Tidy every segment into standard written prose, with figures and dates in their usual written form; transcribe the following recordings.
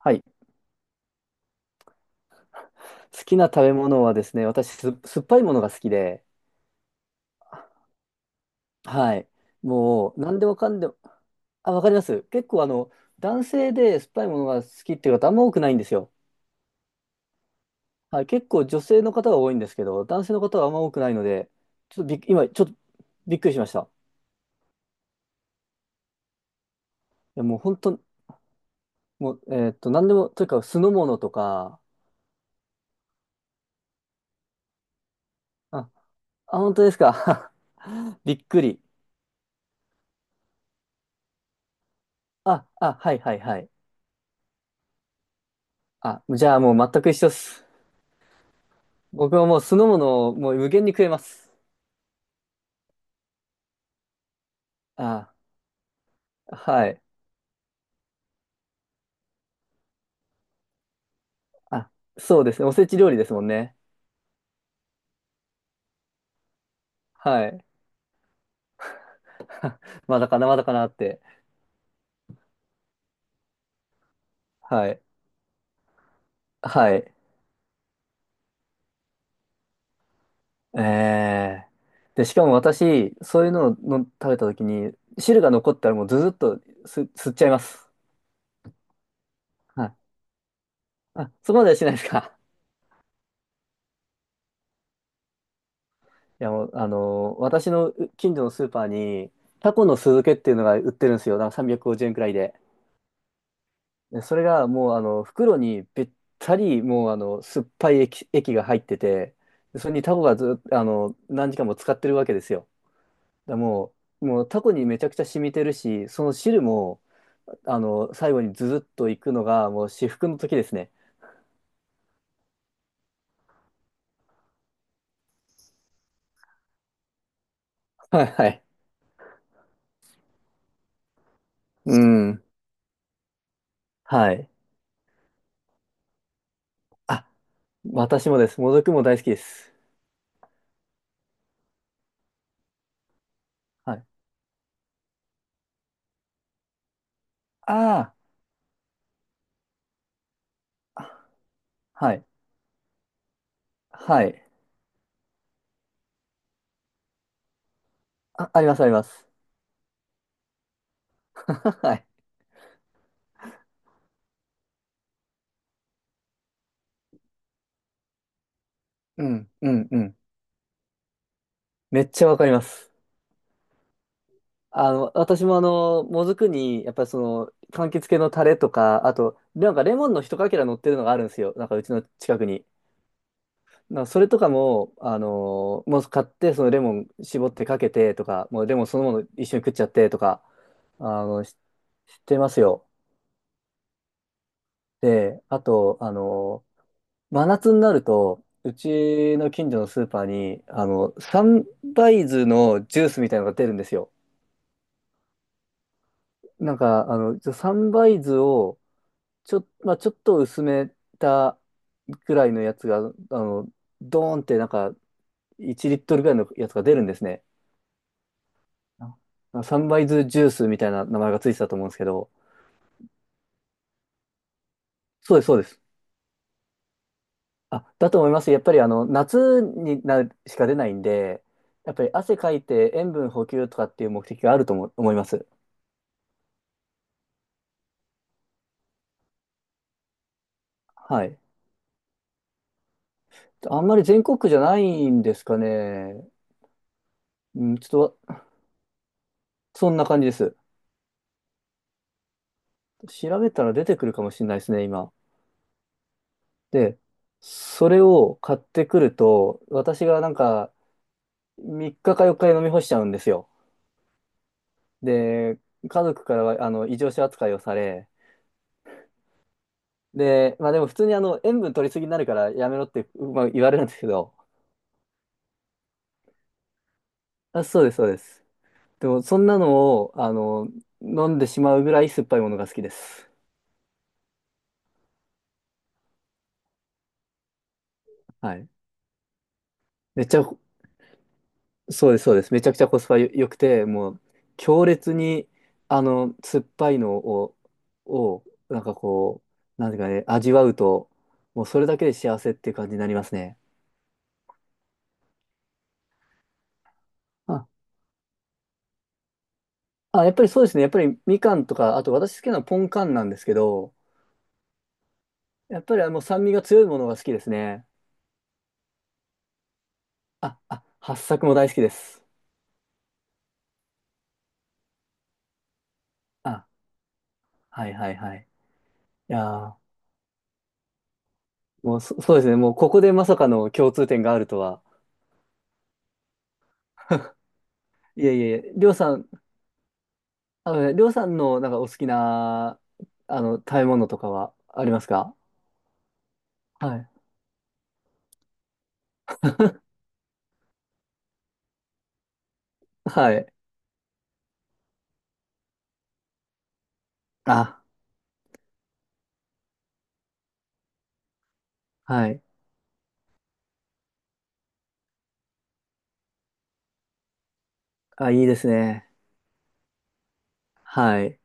はい。好きな食べ物はですね、私、酸っぱいものが好きで、はい。もう、何でもかんでも、あ、わかります。結構、男性で酸っぱいものが好きっていう方、あんま多くないんですよ。はい。結構、女性の方が多いんですけど、男性の方はあんま多くないので、ちょっとびっ、今、ちょっとびっくりしました。いや、もう、本当、もう、何でも、というか、酢の物とか、あ、あ、本当ですか。びっくり。あ、あ、はいはいはい。あ、じゃあ、もう、全く一緒です。僕はもう酢の物をもう無限に食えます。あ、はい。あ、そうですね。おせち料理ですもんね。はい。まだかな、まだかなって。はい。はい。ええ。で、しかも私、そういうのをの食べた時に、汁が残ったらもうずずっと吸っちゃいます。はい。あ、そこまではしないですか。いや、もう、私の近所のスーパーに、タコの酢漬けっていうのが売ってるんですよ。なんか350円くごじゅうえんくらいで。でそれがもうあの袋にべったりもうあの酸っぱい液が入ってて、でそれにタコがずっと何時間も使ってるわけですよ。だからもうタコにめちゃくちゃ染みてるし、その汁も最後にズズッといくのがもう至福の時ですね。はいはい。うん。はい。あ、私もです。もずくも大好きです。はい。ああ、はい。はい。あ、ありますあります。はい。うん、うん、うん。めっちゃわかります。私ももずくに、やっぱりその、柑橘系のタレとか、あと、なんかレモンの一かけら乗ってるのがあるんですよ。なんかうちの近くに。なんかそれとかも、もう買って、そのレモン絞ってかけてとか、もうレモンそのもの一緒に食っちゃってとか、あの、ししてますよ。で、あと、真夏になると、うちの近所のスーパーに、サンバイズのジュースみたいなのが出るんですよ。なんか、サンバイズを、まあ、ちょっと薄めたぐらいのやつが、の、ドーンってなんか1リットルぐらいのやつが出るんですね。あサンバイズジュースみたいな名前がついてたと思うんですけど、そうです、そうです。あ、だと思います。やっぱり夏になるしか出ないんで、やっぱり汗かいて塩分補給とかっていう目的があると思います。はい。あんまり全国区じゃないんですかね。うん、ちょっと、そんな感じです。調べたら出てくるかもしれないですね、今。で、それを買ってくると、私がなんか3日か4日で飲み干しちゃうんですよ。で、家族からはあの異常者扱いをされ、で、まあでも普通に塩分取りすぎになるからやめろって、まあ、言われるんですけど、あ、そうです、そうです。でもそんなのを飲んでしまうぐらい酸っぱいものが好きです。はい。めっちゃそうです、そうです。めちゃくちゃコスパ良くて、もう強烈に、酸っぱいのを、を、なんかこう、なんていうかね、味わうと、もうそれだけで幸せっていう感じになりますね。あ、あ、やっぱりそうですね。やっぱりみかんとか、あと私好きなのはポンカンなんですけど、やっぱりあの酸味が強いものが好きですね。あ、あ、八朔も大好きです。あ、はいはいはい。いやー、もうそうですね。もうここでまさかの共通点があるとは。いえいえ、りょうさん、あのね、りょうさんのなんかお好きな、食べ物とかはありますか？はい。はい。あ、はい。あ、いいですね。はい。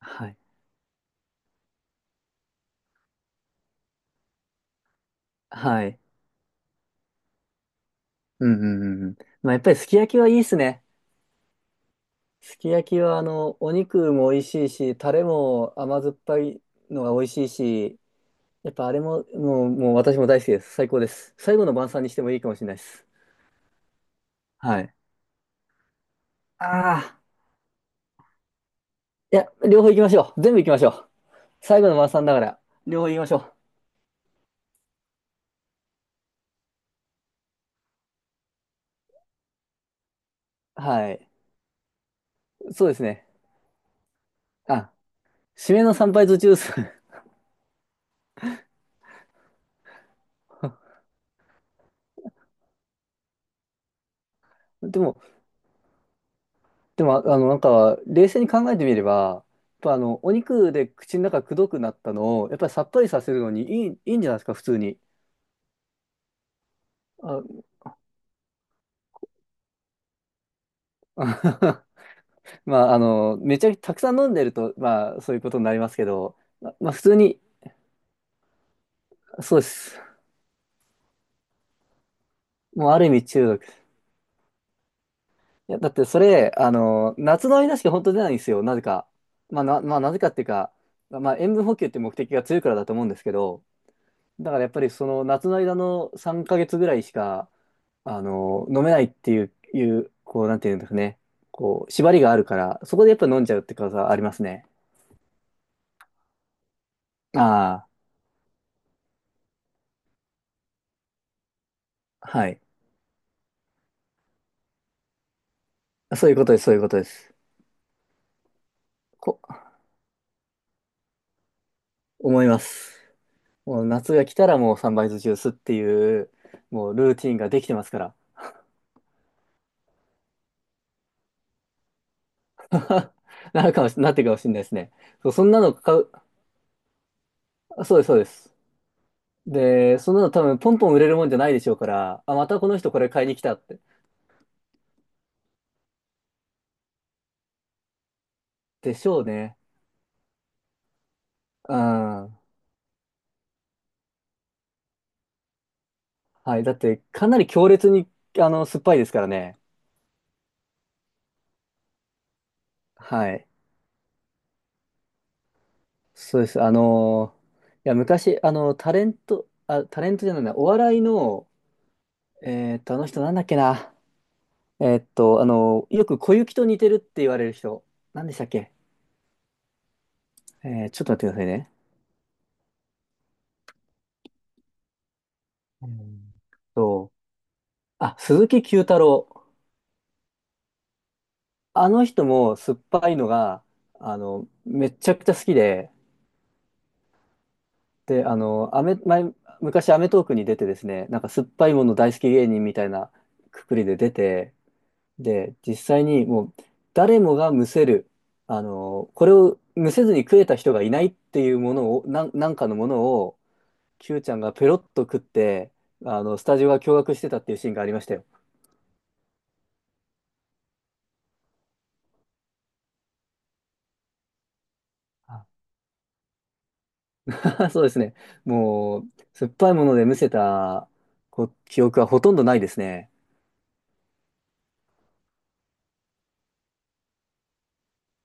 はい。はい。うんうんうんうん。まあ、やっぱりすき焼きはいいですね。すき焼きは、お肉も美味しいし、タレも甘酸っぱいのが美味しいし、やっぱあれも、もう私も大好きです。最高です。最後の晩餐にしてもいいかもしれないです。はい。ああ。いや、両方行きましょう。全部行きましょう。最後の晩餐だから、両方行きましょう。はい。そうですね。あ、締めの参拝途中です。でも、なんか、冷静に考えてみれば、やっぱお肉で口の中くどくなったのを、やっぱりさっぱりさせるのにいいんじゃないですか、普通に。あ、まあ、めちゃくちゃたくさん飲んでると、まあ、そういうことになりますけど、まあ、普通に、そうです。もうある意味中毒。いや、だってそれ、夏の間しか本当出ないんですよ、なぜか。まあ、なぜかっていうか、まあ、塩分補給って目的が強いからだと思うんですけど、だからやっぱりその夏の間の3ヶ月ぐらいしか、飲めないっていう、こう、なんていうんですかね。こう、縛りがあるから、そこでやっぱ飲んじゃうってことはありますね。ああ、はい。そういうことです、そういうことです。こ、思います。もう夏が来たらもうサンバイズジュースっていう、もうルーティンができてますから。なってるかもしれないですね。そう、そんなの買う、あそうです、そうです。で、そんなの多分ポンポン売れるもんじゃないでしょうから、あ、またこの人これ買いに来たって。でしょうね。ああ、はい。だって、かなり強烈に、酸っぱいですからね。はい。そうです。いや、昔、タレント、あ、タレントじゃないな、お笑いの、あの人なんだっけな。よく小雪と似てるって言われる人。なんでしたっけ？ちょっと待ってくださいね。うんと、あ、鈴木九太郎。あの人も酸っぱいのが、めちゃくちゃ好きで、で、アメ、前、昔アメトークに出てですね、なんか酸っぱいもの大好き芸人みたいなくくりで出て、で、実際にもう誰もがむせる、これをむせずに食えた人がいないっていうものを、なんかのものを、Q ちゃんがペロッと食って、スタジオが驚愕してたっていうシーンがありましたよ。あ そうですね。もう、酸っぱいものでむせた記憶はほとんどないですね。